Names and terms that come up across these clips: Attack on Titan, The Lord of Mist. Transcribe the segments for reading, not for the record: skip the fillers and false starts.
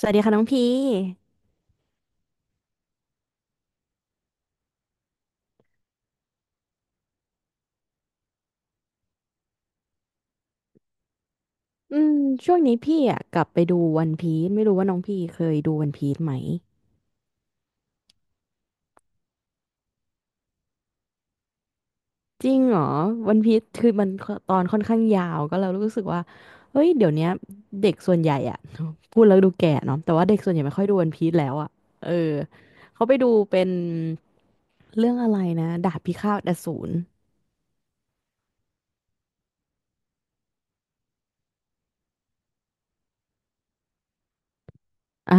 สวัสดีค่ะน้องพีอืมช่วงนี้พี่อ่ะกลับไปดูวันพีซไม่รู้ว่าน้องพี่เคยดูวันพีซไหมจริงเหรอวันพีซคือมันตอนค่อนข้างยาวก็เรารู้สึกว่าเฮ้ยเดี๋ยวเนี้ยเด็กส่วนใหญ่อ่ะ พูดแล้วดูแก่เนาะแต่ว่าเด็กส่วนใหญ่ไม่ค่อยดูวันพีซแล้วอ่ะเออเขาไปดูเป็นเรื่องอะไรนะดาบพิฆาตอสูรอ่า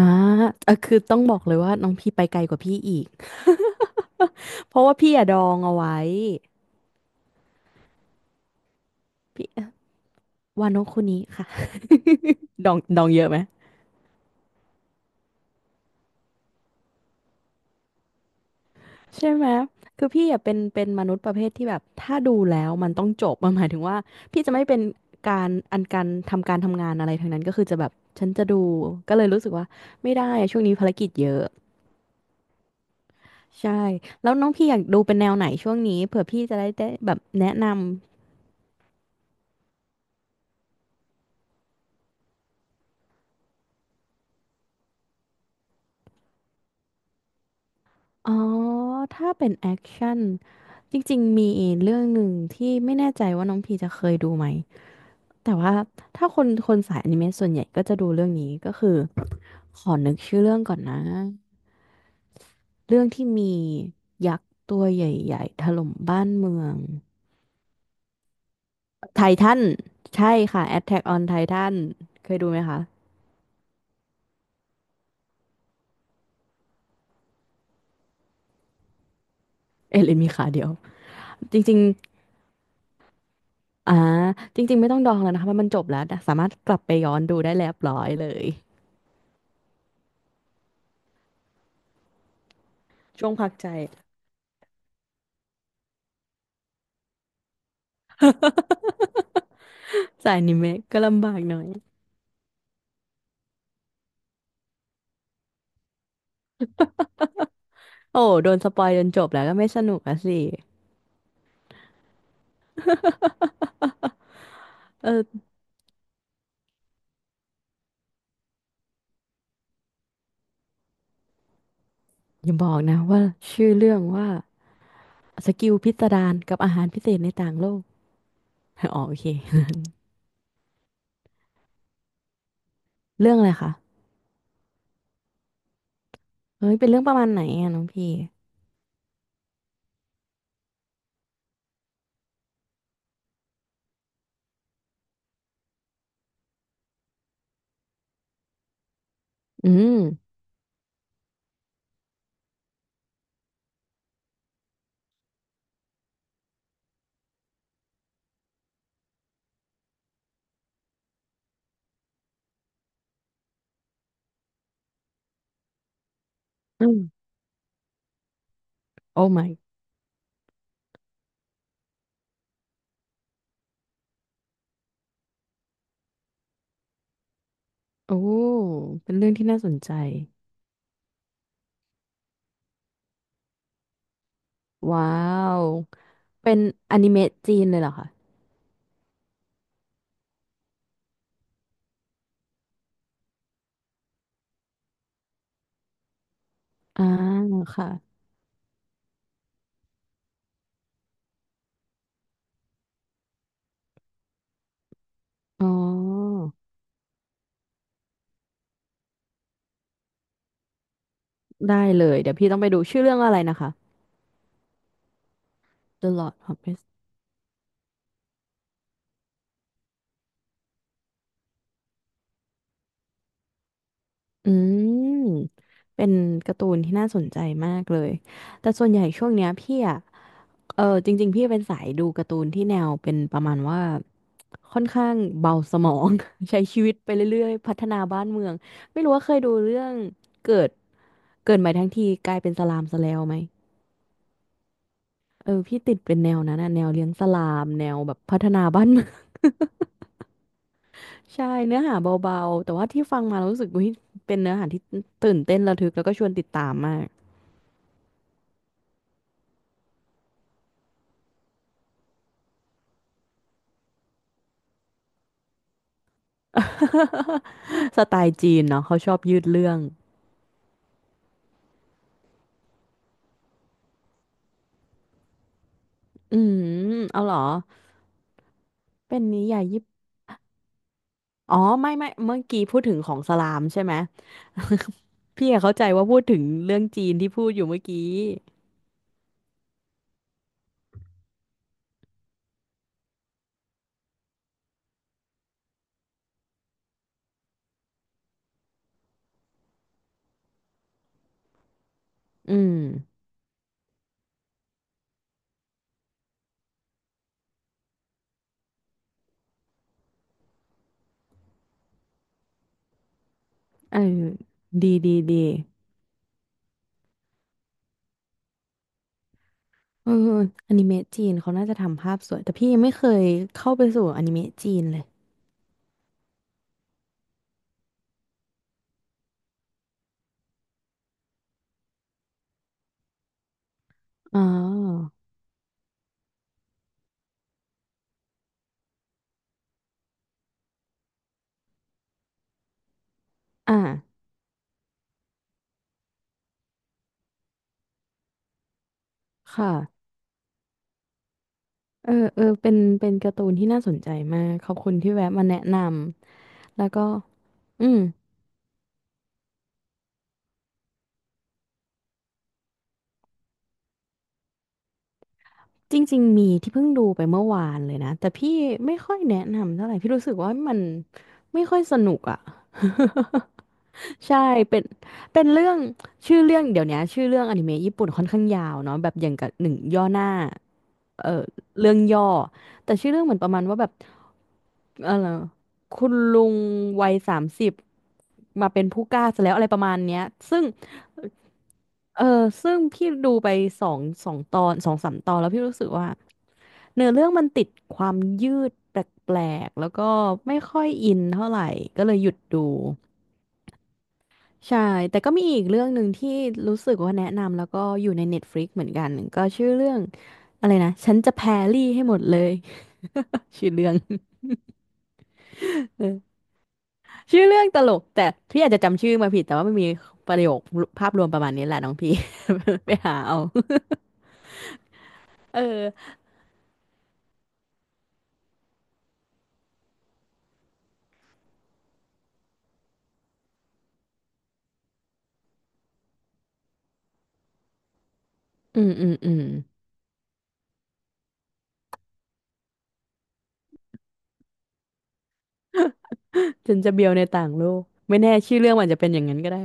เออคือต้องบอกเลยว่าน้องพี่ไปไกลกว่าพี่อีก เพราะว่าพี่อะดองเอาไว้พี่ วาโนคุนิค่ะ ดองเยอะไหมใช่ไหมคือพี่อะเป็นเป็นมนุษย์ประเภทที่แบบถ้าดูแล้วมันต้องจบมันหมายถึงว่าพี่จะไม่เป็นการอันการทำการทำงานอะไรทั้งนั้นก็คือจะแบบฉันจะดูก็เลยรู้สึกว่าไม่ได้อะช่วงนี้ภารกิจเยอะใช่แล้วน้องพี่อยากดูเป็นแนวไหนช่วงนี้เผื่อพี่จะได้ได้แบบแนะนำอ๋อถ้าเป็นแอคชั่นจริงๆมีเรื่องหนึ่งที่ไม่แน่ใจว่าน้องพี่จะเคยดูไหม แต่ว่าถ้าคนคนสายอนิเมะส่วนใหญ่ก็จะดูเรื่องนี้ก็คือขอนึกชื่อเรื่องก่อนนะเรื่องที่มียักษ์ตัวใหญ่ๆถล่มบ้านเมืองไททันใช่ค่ะ Attack on Titan เคยดูไหมคะเอเินมีขาเดียวจริงๆอ่าจริงๆไม่ต้องดองแล้วนะคะเพราะมันจบแล้วนะสามารถกลับไปย้อนดูได้เรียบร้อยเลยช่วงพักใจสายอนิเมะก็ลำบากหน่อยโอ้โดนสปอยจนจบแล้วก็ไม่สนุกอะสิเออ อย่าบอกนะว่าชื่อเรื่องว่าสกิลพิสดารกับอาหารพิเศษในต่างโลก อ๋อโอเค เรื่องอะไรคะเฮ้ยเป็นเรื่องประมาณไหนอะน้องพี่อืมอืมโอ้ my โอ้เป็นเรื่องที่น่าสนใจว้าวเป็นอนิเมะจีนเลยเหรอคะอ่าค่ะอ๋อได้เลยเดี๋ยวพี่ต้องไปดูชื่อเรื่องอะไรนะคะ The Lord of Mist อืมเป็นการ์ตูนที่น่าสนใจมากเลยแต่ส่วนใหญ่ช่วงเนี้ยพี่อะ เออจริงๆพี่เป็นสายดูการ์ตูนที่แนวเป็นประมาณว่าค่อนข้างเบาสมอง ใช้ชีวิตไปเรื่อยๆพัฒนาบ้านเมืองไม่รู้ว่าเคยดูเรื่องเกิดเกิดใหม่ทั้งทีกลายเป็นสลามสแลวไหมเออพี่ติดเป็นแนวนั้นนะแนวเลี้ยงสลามแนวแบบพัฒนาบ้านเมือง ใช่เนื้อหาเบาๆแต่ว่าที่ฟังมาแล้วรู้สึกว่าเป็นเนื้อหาที่ตื่นเต้นระทึกแล้วก็ชวนติดตามมาก สไตล์จีนเนาะเขาชอบยืดเรื่องอืมเอาเหรอเป็นนิยายญี่ อ๋อไม่ไม่เมื่อกี้พูดถึงของสลามใช่ไหม พี่อะเข้าใจว่าพูดถึงเรื่องจีนที่พูดอยู่เมื่อกี้อืมเออดีดีดีเอออนิเมะจีนเขาน่าจะทำภาพสวยแต่พี่ยังไม่เคยเข้าไปสู่อนิเมะจีนเลยอ๋ออ่าค่ะเออเออเป็นเป็นการ์ตูนที่น่าสนใจมากขอบคุณที่แวะมาแนะนำแล้วก็อืม จริงๆมีที่เพิ่งดูไปเมื่อวานเลยนะแต่พี่ไม่ค่อยแนะนำเท่าไหร่พี่รู้สึกว่ามันไม่ค่อยสนุกอ่ะ ใช่เป็นเป็นเรื่องชื่อเรื่องเดี๋ยวนี้ชื่อเรื่องอนิเมะญี่ปุ่นค่อนข้างยาวเนาะแบบอย่างกับหนึ่งย่อหน้าเออเรื่องย่อแต่ชื่อเรื่องเหมือนประมาณว่าแบบ เอะไรคุณลุงวัยสามสิบมาเป็นผู้กล้าซะแล้วอะไรประมาณเนี้ยซึ่งเออซึ่งพี่ดูไปสองตอนสองสามตอนแล้วพี่รู้สึกว่าเนื้อเรื่องมันติดความยืดแปลกๆแล้วก็ไม่ค่อยอินเท่าไหร่ก็เลยหยุดดูใช่แต่ก็มีอีกเรื่องหนึ่งที่รู้สึกว่าแนะนำแล้วก็อยู่ใน Netflix เหมือนกันก็ชื่อเรื่องอะไรนะฉันจะแพรรี่ให้หมดเลย ชื่อเรื่อง ชื่อเรื่องตลกแต่พี่อาจจะจำชื่อมาผิดแต่ว่ามันมีประโยคภาพรวมประมาณนี้แหละน้องพี่ ไปหาเอาเอออืมฉันจะเบียวในต่างโลกไม่แน่ชื่อเรื่องมันจะเป็นอย่างนั้นก็ได้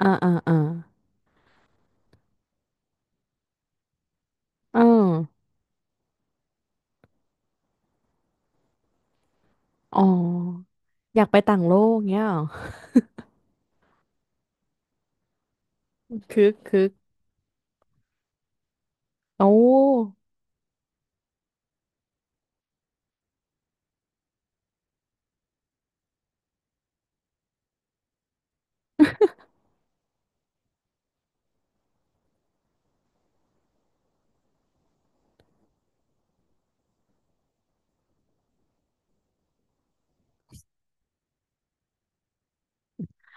อ่าอ่าอ่าอ่าอ๋ออยากไปต่างโลกเงี้ยเหรอคึกคึกโอ้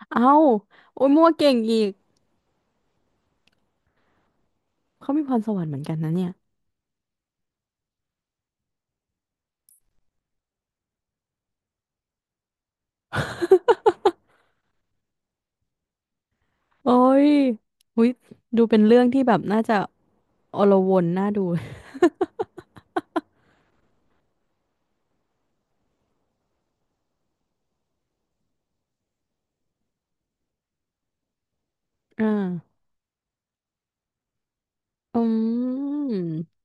เอ้าโอ้ยมั่วเก่งอีกเขามีพรสวรรค์เหมือนกันนะเนี่ยโอ้ยอุยดูเป็นเรื่องที่แบบน่าจะอลวนน่าดูอ่าอืม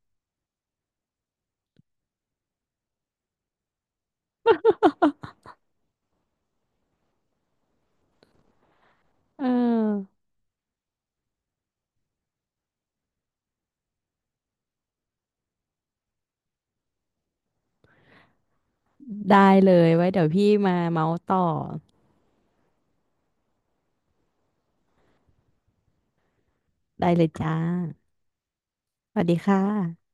เออ ได้เลยไว้เดี๋ยวพี่มาเมาส์ต่อได้เลยจ้าสวัสดีค่ะ